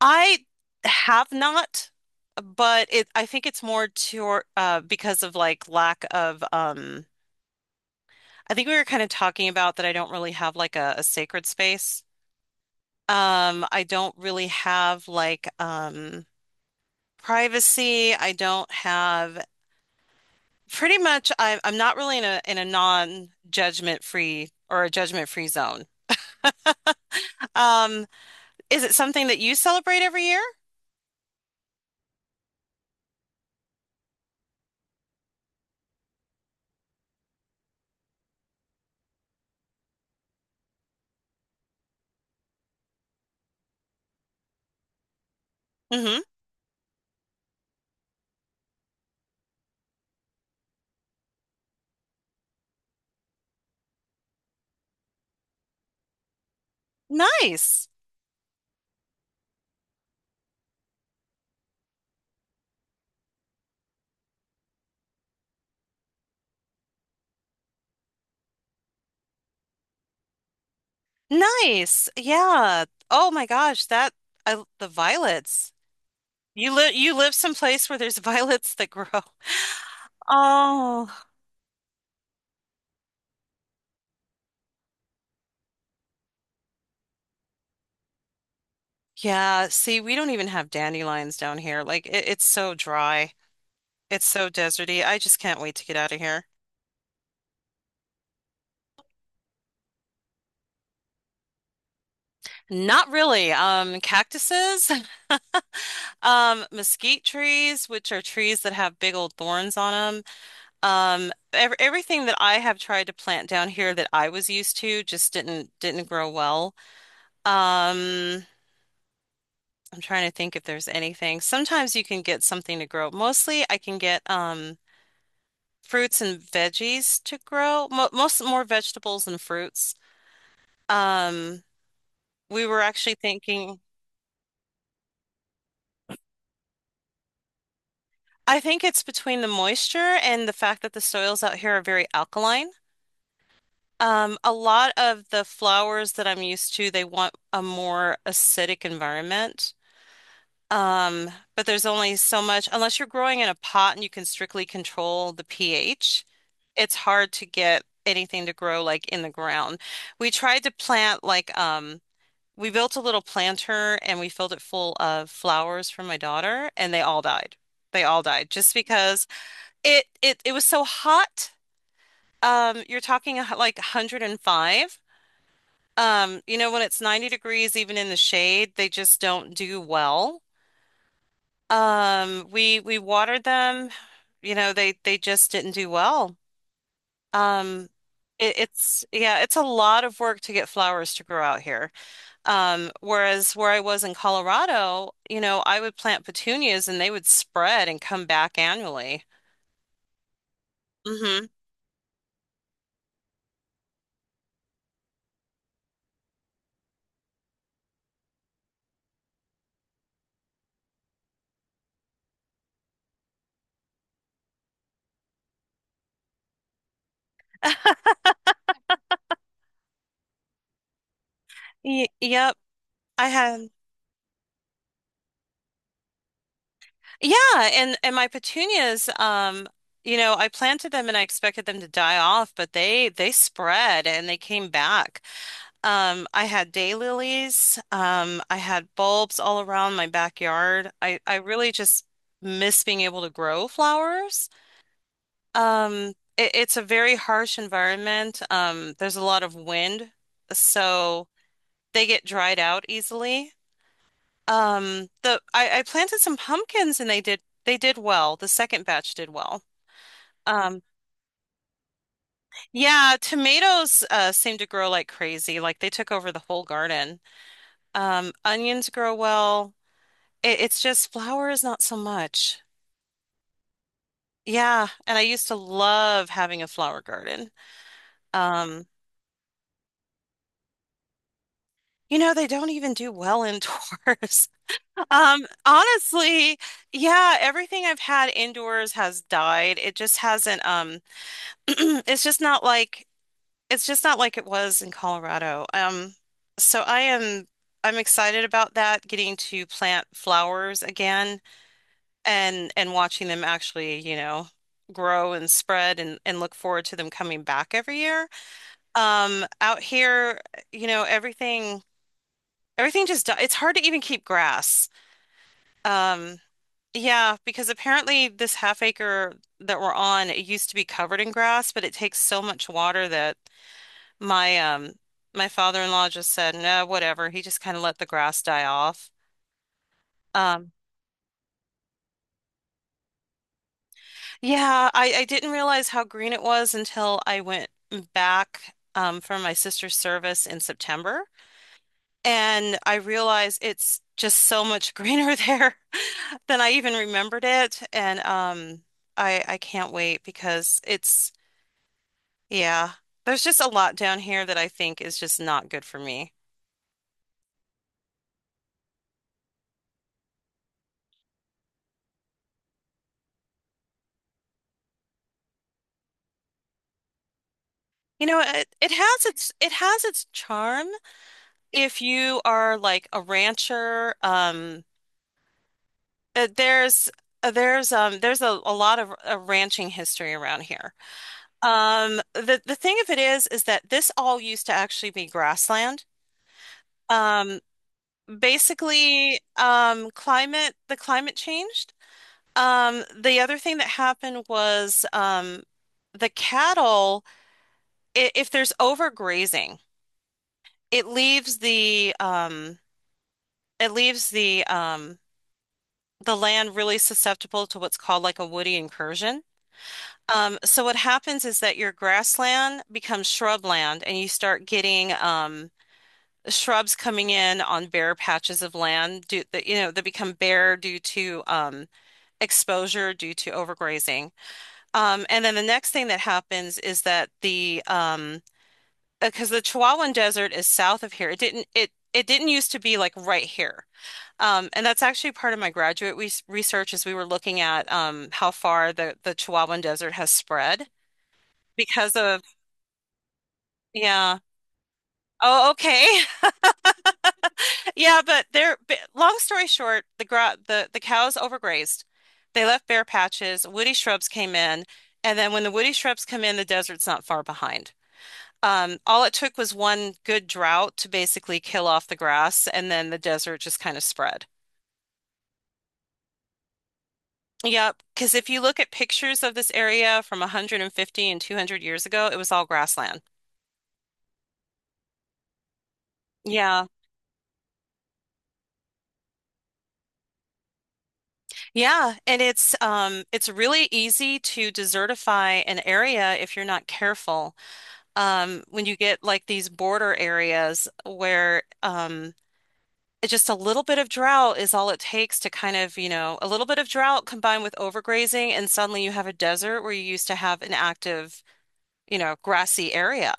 I have not, but it I think it's more to because of like lack of I think we were kind of talking about that. I don't really have like a sacred space. I don't really have like privacy. I don't have pretty much I'm not really in a non-judgment free or a judgment free zone. Um Is it something that you celebrate every year? Hmm. Nice. Nice. Yeah. Oh my gosh, that I the violets. You live someplace where there's violets that grow. Oh. Yeah, see, we don't even have dandelions down here. Like it's so dry. It's so deserty. I just can't wait to get out of here. Not really. Cactuses, mesquite trees, which are trees that have big old thorns on them. Ev everything that I have tried to plant down here that I was used to just didn't grow well. Um, I'm trying to think if there's anything. Sometimes you can get something to grow. Mostly, I can get fruits and veggies to grow. Mo most more vegetables than fruits. Um, we were actually thinking. I think it's between the moisture and the fact that the soils out here are very alkaline. A lot of the flowers that I'm used to, they want a more acidic environment. Um, but there's only so much, unless you're growing in a pot and you can strictly control the pH, it's hard to get anything to grow like in the ground. We tried to plant we built a little planter and we filled it full of flowers for my daughter, and they all died. They all died just because. It was so hot. You're talking like 105. You know, when it's 90 degrees, even in the shade, they just don't do well. We watered them, you know, they just didn't do well. Um, it's yeah, it's a lot of work to get flowers to grow out here. Whereas where I was in Colorado, you know, I would plant petunias and they would spread and come back annually. Mm-hmm. Y yep, I had. Yeah, and my petunias, you know, I planted them and I expected them to die off, but they spread and they came back. I had daylilies, I had bulbs all around my backyard. I really just miss being able to grow flowers. It's a very harsh environment. There's a lot of wind, so they get dried out easily. I planted some pumpkins and they did well. The second batch did well. Um, yeah, tomatoes seem to grow like crazy. Like they took over the whole garden. Onions grow well. It's just flowers not so much. Yeah, and I used to love having a flower garden. Um, you know, they don't even do well indoors. Honestly, yeah, everything I've had indoors has died. It just hasn't it's just not like it's just not like it was in Colorado. So I'm excited about that, getting to plant flowers again and watching them actually, you know, grow and spread and look forward to them coming back every year. Out here, you know, everything just it's hard to even keep grass. Um, yeah, because apparently this half acre that we're on, it used to be covered in grass, but it takes so much water that my my father-in-law just said, "No, whatever." He just kind of let the grass die off. Um yeah, I didn't realize how green it was until I went back for my sister's service in September, and I realized it's just so much greener there than I even remembered it, and I can't wait because yeah, there's just a lot down here that I think is just not good for me. You know, it has its charm if you are like a rancher, uh, there's there's a lot of ranching history around here. The thing of it is that this all used to actually be grassland. Um, basically, climate the climate changed. The other thing that happened was the cattle. If there's overgrazing, it leaves it leaves the um the land really susceptible to what's called like a woody incursion. So what happens is that your grassland becomes shrubland, and you start getting shrubs coming in on bare patches of that you know that become bare due to exposure due to overgrazing. And then the next thing that happens is that the because the Chihuahuan Desert is south of here. It didn't used to be like right here. And that's actually part of my graduate research is we were looking at how far the Chihuahuan Desert has spread because yeah. Oh, okay. Yeah, but long story short, the cows overgrazed. They left bare patches, woody shrubs came in, and then when the woody shrubs come in, the desert's not far behind. All it took was one good drought to basically kill off the grass, and then the desert just kind of spread. Yep, because if you look at pictures of this area from 150 and 200 years ago, it was all grassland. Yeah. Yeah, and it's really easy to desertify an area if you're not careful. When you get like these border areas where just a little bit of drought is all it takes to kind of, you know, a little bit of drought combined with overgrazing and suddenly you have a desert where you used to have an active, you know, grassy area.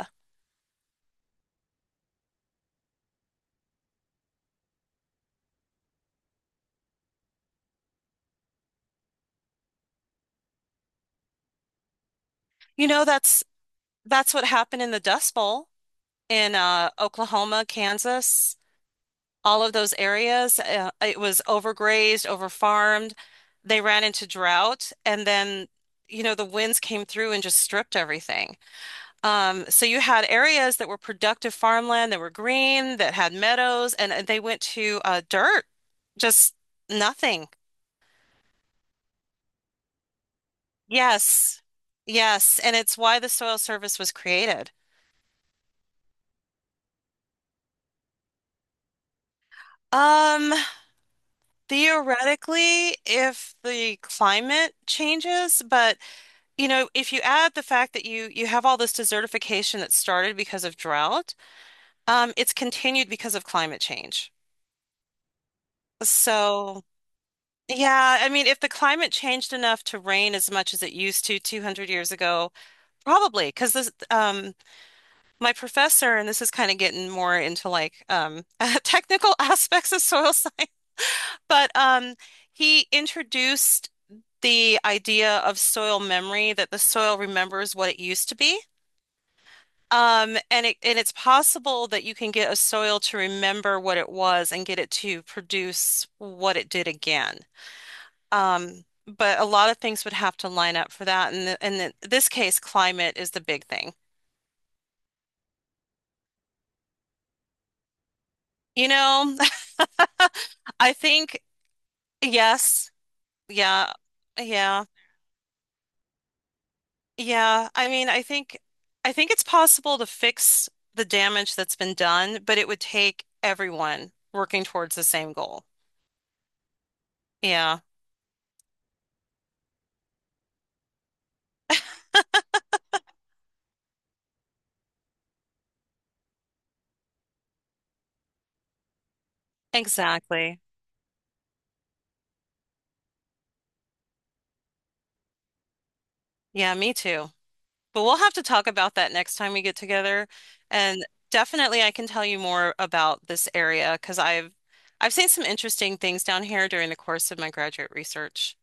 You know, that's what happened in the Dust Bowl in Oklahoma, Kansas, all of those areas. It was overgrazed, overfarmed. They ran into drought, and then you know the winds came through and just stripped everything. So you had areas that were productive farmland that were green, that had meadows, and they went to dirt, just nothing. Yes, yes, and it's why the soil service was created. Um, Theoretically, if the climate changes, but you know, if you add the fact that you have all this desertification that started because of drought, it's continued because of climate change. So, yeah, I mean, if the climate changed enough to rain as much as it used to 200 years ago, probably because this my professor, and this is kind of getting more into like technical aspects of soil science, but he introduced the idea of soil memory, that the soil remembers what it used to be. And it's possible that you can get a soil to remember what it was and get it to produce what it did again. But a lot of things would have to line up for that. And in this case, climate is the big thing. You know, I think yes, yeah, yeah. Yeah, I mean, I think it's possible to fix the damage that's been done, but it would take everyone working towards the same goal. Yeah, exactly. Yeah, me too. But we'll have to talk about that next time we get together. And definitely I can tell you more about this area because I've seen some interesting things down here during the course of my graduate research.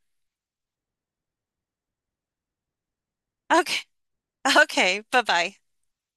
Okay. Okay. Bye-bye.